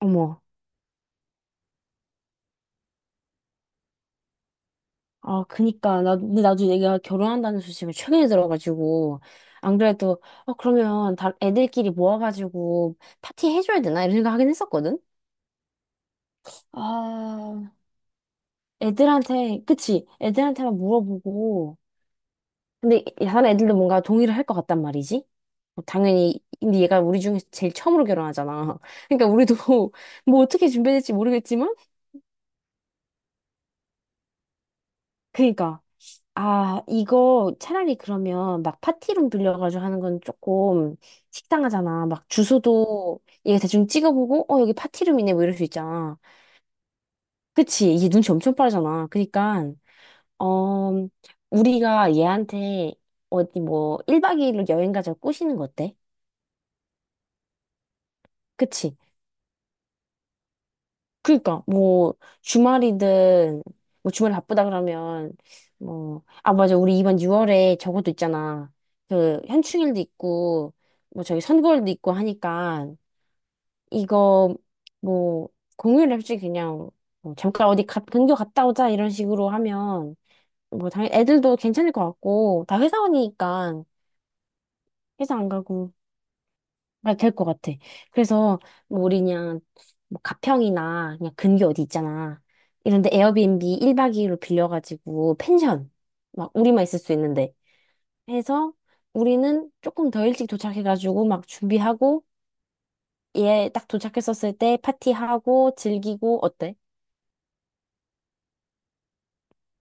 어머. 아, 그니까. 근데 나도 얘가 결혼한다는 소식을 최근에 들어가지고. 안 그래도, 어, 그러면 다 애들끼리 모아가지고 파티 해줘야 되나? 이런 생각 하긴 했었거든? 아, 애들한테, 그치? 애들한테만 물어보고. 근데 다른 애들도 뭔가 동의를 할 것 같단 말이지? 뭐 당연히, 근데 얘가 우리 중에서 제일 처음으로 결혼하잖아. 그러니까 우리도 뭐 어떻게 준비될지 모르겠지만? 그니까. 아, 이거 차라리 그러면 막 파티룸 빌려가지고 하는 건 조금 식상하잖아. 막 주소도 얘 대충 찍어보고, 어, 여기 파티룸이네, 뭐 이럴 수 있잖아. 그치? 이게 눈치 엄청 빠르잖아. 그니까, 어, 우리가 얘한테 어디 뭐 1박 2일로 여행 가자고 꼬시는 거 어때? 그치? 그니까 뭐 주말이든 뭐 주말에 바쁘다 그러면 뭐 아 맞아 우리 이번 6월에 저것도 있잖아. 그 현충일도 있고 뭐 저기 선거일도 있고 하니까 이거 뭐 공휴일에 솔직히 그냥 뭐 잠깐 어디 가, 근교 갔다 오자 이런 식으로 하면 뭐 당연히 애들도 괜찮을 것 같고 다 회사원이니까 회사 안 가고 아, 될것 같아. 그래서 뭐 우리 그냥 뭐 가평이나 그냥 근교 어디 있잖아. 이런데 에어비앤비 1박 2일로 빌려가지고 펜션 막 우리만 있을 수 있는데 해서 우리는 조금 더 일찍 도착해가지고 막 준비하고 얘 딱 도착했었을 때 파티하고 즐기고 어때?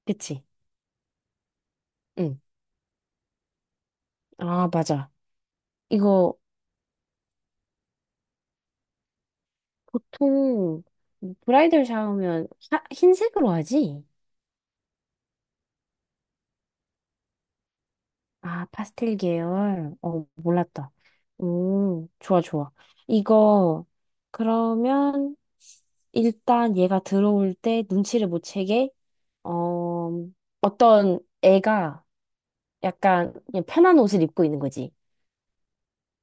그치? 응. 아, 맞아. 이거 보통 브라이덜 샤워면 흰색으로 하지? 아, 파스텔 계열. 어, 몰랐다. 오 좋아, 좋아. 이거, 그러면, 일단 얘가 들어올 때 눈치를 못 채게, 어, 어떤 애가 약간 그냥 편한 옷을 입고 있는 거지.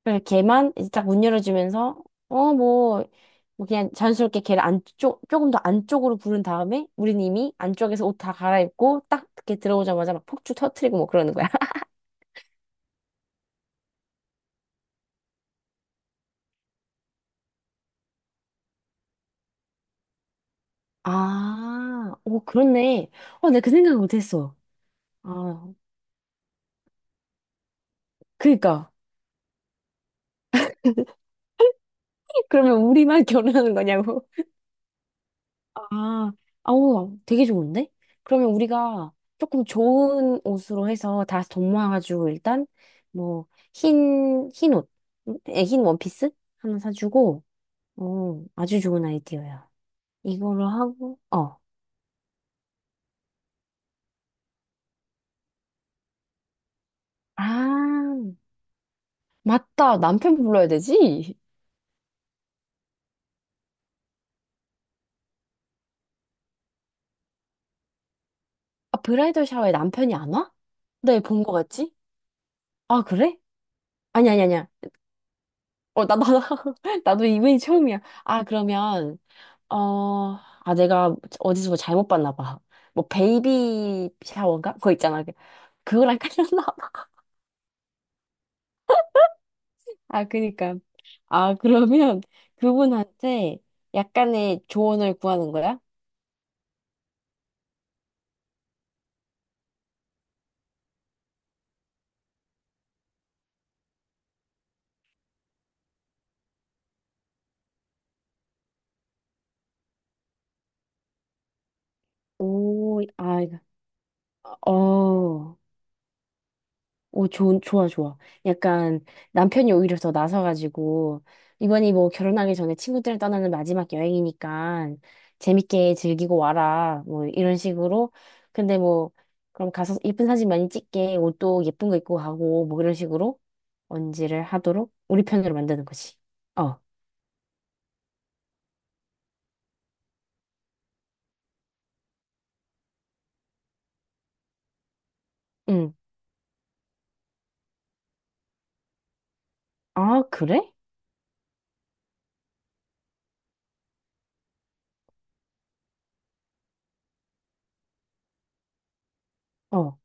그래서 걔만 이제 딱 문 열어주면서, 어, 뭐, 뭐 그냥 자연스럽게 걔를 안쪽, 조금 더 안쪽으로 부른 다음에, 우린 이미 안쪽에서 옷 다 갈아입고, 딱 이렇게 들어오자마자 막 폭죽 터트리고 뭐 그러는 거야. 아, 오, 그렇네. 어, 나 그 생각 못했어. 아, 그니까. 그러면 우리만 결혼하는 거냐고. 아, 아우, 되게 좋은데? 그러면 우리가 조금 좋은 옷으로 해서 다 돈 모아가지고 일단, 뭐, 흰 옷, 에, 흰 원피스? 하나 사주고, 어, 아주 좋은 아이디어야. 이걸로 하고, 어. 아, 맞다. 남편 불러야 되지? 아, 브라이덜 샤워에 남편이 안 와? 네, 본 거 같지? 아, 그래? 아니, 아니, 아니야. 어, 나, 나도 이분이 처음이야. 아, 그러면, 어, 아, 내가 어디서 뭐 잘못 봤나 봐. 뭐, 베이비 샤워인가? 그거 있잖아. 그- 그거랑 깔렸나 봐. 아, 그니까. 아, 그러면 그분한테 약간의 조언을 구하는 거야? 오, 아, 어. 오, 좋아, 좋아. 약간 남편이 오히려 더 나서가지고, 이번이 뭐 결혼하기 전에 친구들을 떠나는 마지막 여행이니까 재밌게 즐기고 와라. 뭐 이런 식으로. 근데 뭐, 그럼 가서 예쁜 사진 많이 찍게 옷도 예쁜 거 입고 가고, 뭐 이런 식으로 언지를 하도록 우리 편으로 만드는 거지. 어, 응. 아, 그래? 어.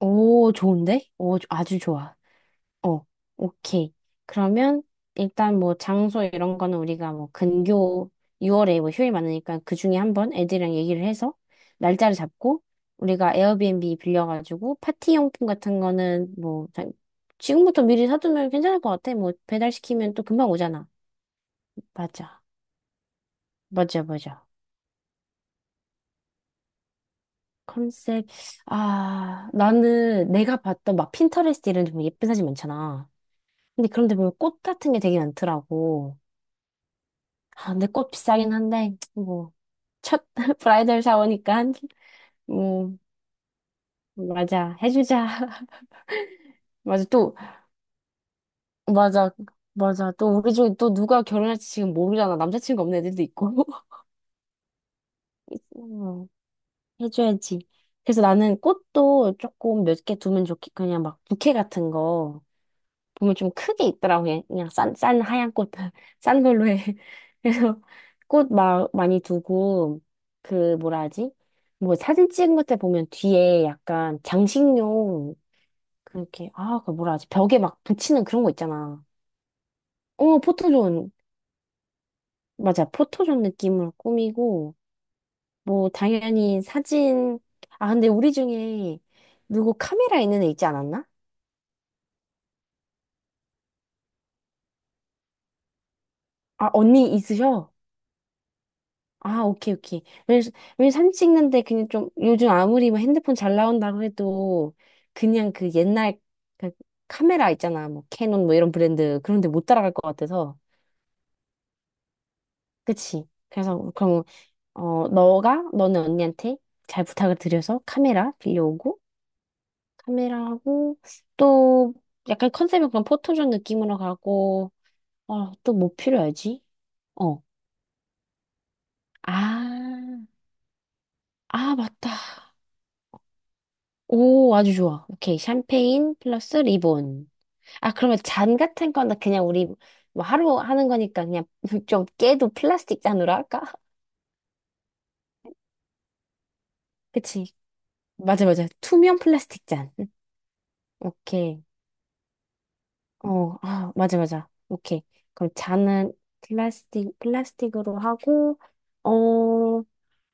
오, 좋은데? 오, 아주 좋아. 어, 오케이. 그러면 일단 뭐 장소 이런 거는 우리가 뭐 근교 6월에 뭐 휴일 많으니까 그 중에 한번 애들이랑 얘기를 해서 날짜를 잡고 우리가 에어비앤비 빌려가지고 파티 용품 같은 거는 뭐 지금부터 미리 사두면 괜찮을 것 같아. 뭐 배달시키면 또 금방 오잖아. 맞아. 맞아, 맞아. 컨셉. 아, 나는 내가 봤던 막 핀터레스트 이런 데 보면 예쁜 사진 많잖아. 근데 그런데 보면 꽃 같은 게 되게 많더라고. 아, 근데 꽃 비싸긴 한데, 뭐, 첫 브라이덜 샤워니까, 뭐, 맞아, 해주자. 맞아, 또, 맞아, 맞아. 또 우리 중에 또 누가 결혼할지 지금 모르잖아. 남자친구 없는 애들도 있고. 어, 해줘야지. 그래서 나는 꽃도 조금 몇 개 두면 좋겠, 그냥 막 부케 같은 거. 보면 좀 크게 있더라고요. 그냥 싼 하얀 꽃, 싼 걸로 해. 그래서 꽃 많이 두고, 그, 뭐라 하지? 뭐 사진 찍은 것때 보면 뒤에 약간 장식용, 그렇게, 아, 그 뭐라 하지? 벽에 막 붙이는 그런 거 있잖아. 어, 포토존. 맞아. 포토존 느낌으로 꾸미고, 뭐, 당연히 사진, 아, 근데 우리 중에 누구 카메라 있는 애 있지 않았나? 아, 언니 있으셔? 아, 오케이, 오케이. 왜냐면 왜 사진 찍는데 그냥 좀, 요즘 아무리 뭐 핸드폰 잘 나온다고 해도, 그냥 그 옛날 그 카메라 있잖아. 뭐, 캐논 뭐 이런 브랜드. 그런데 못 따라갈 것 같아서. 그치? 그래서, 그럼, 어, 너가, 너는 언니한테 잘 부탁을 드려서 카메라 빌려오고, 카메라하고, 또, 약간 컨셉은 그런 포토존 느낌으로 가고, 어, 또 뭐 필요하지? 어. 아, 아, 맞다. 오, 아주 좋아. 오케이. 샴페인 플러스 리본. 아, 그러면 잔 같은 거나 그냥 우리 뭐 하루 하는 거니까 그냥 좀 깨도 플라스틱 잔으로 할까? 그치. 맞아, 맞아. 투명 플라스틱 잔. 오케이. 어, 아, 맞아, 맞아. 오케이. 그럼 잔은 플라스틱으로 하고, 어, 또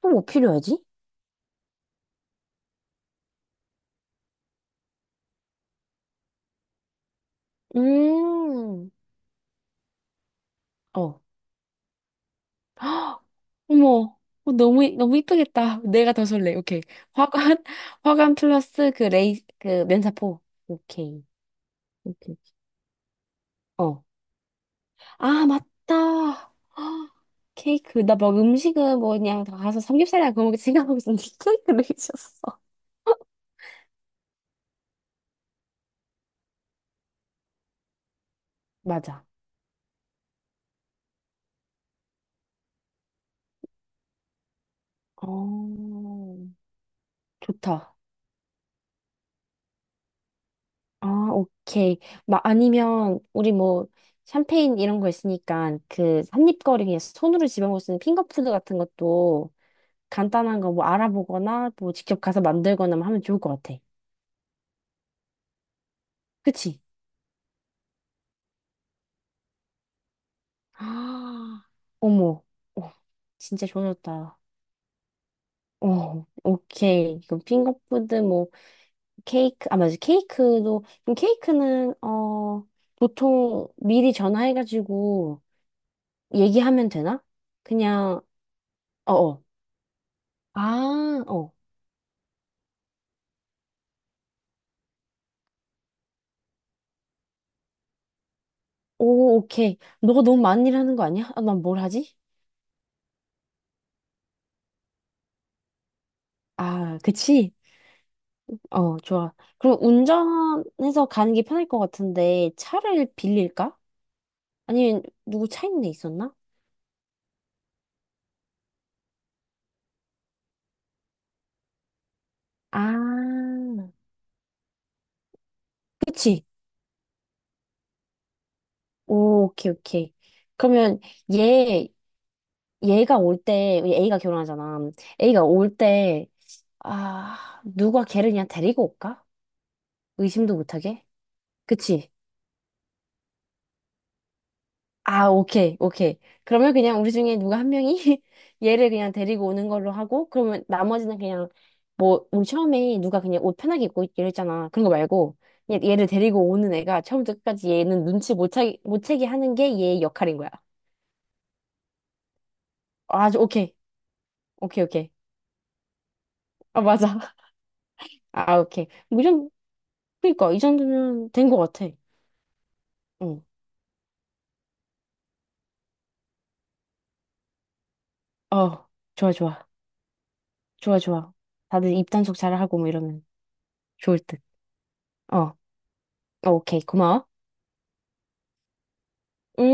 뭐 필요하지? 음, 어, 헉! 어머, 어, 너무, 너무 이쁘겠다. 내가 더 설레. 오케이. 화관, 화관 플러스 그 레이, 그 면사포. 오케이. 오케이. 어. 아, 맞다. 헉, 케이크. 나 뭐 음식은 뭐 그냥 다 가서 삼겹살이나 그거 먹을 생각하고 있었는데 케이크를 해주셨어. 맞아. 어, 좋다. 아, 오케이. 막 아니면 우리 뭐 샴페인 이런 거 있으니까 그 한입거리 그냥 손으로 집어먹을 수 있는 핑거푸드 같은 것도 간단한 거 뭐 알아보거나 뭐 직접 가서 만들거나 뭐 하면 좋을 것 같아. 그치? 아, 어머, 어, 진짜 좋아졌다. 어, 오케이. 그럼 핑거푸드, 뭐, 케이크, 아, 맞아. 케이크도, 그럼 케이크는, 어, 보통 미리 전화해가지고 얘기하면 되나? 그냥, 어, 어. 아, 어. 오, 오케이. 너가 너무 많은 일 하는 거 아니야? 아, 난 뭘 하지? 아, 그치? 어, 좋아. 그럼 운전해서 가는 게 편할 것 같은데 차를 빌릴까? 아니면 누구 차 있는 데 있었나? 아, 그치. 오, 오케이, 오케이. 그러면 얘, 얘가 올 때, 우리 A가 결혼하잖아. A가 올 때, 아, 누가 걔를 그냥 데리고 올까? 의심도 못하게? 그치? 아, 오케이, 오케이. 그러면 그냥 우리 중에 누가 한 명이 얘를 그냥 데리고 오는 걸로 하고, 그러면 나머지는 그냥, 뭐, 우리 처음에 누가 그냥 옷 편하게 입고 있기로 했잖아. 그런 거 말고, 그냥 얘를 데리고 오는 애가 처음부터 끝까지 얘는 눈치 못 채게, 못 채게 하는 게 얘의 역할인 거야. 아, 오케이. 오케이, 오케이. 아, 맞아. 아, 오케이. 뭐 이런, 그니까, 이 정도면 된 거 같아. 응. 어, 좋아, 좋아. 좋아, 좋아. 다들 입단속 잘하고 뭐 이러면 좋을 듯. 어, 어, 오케이. 고마워. 응?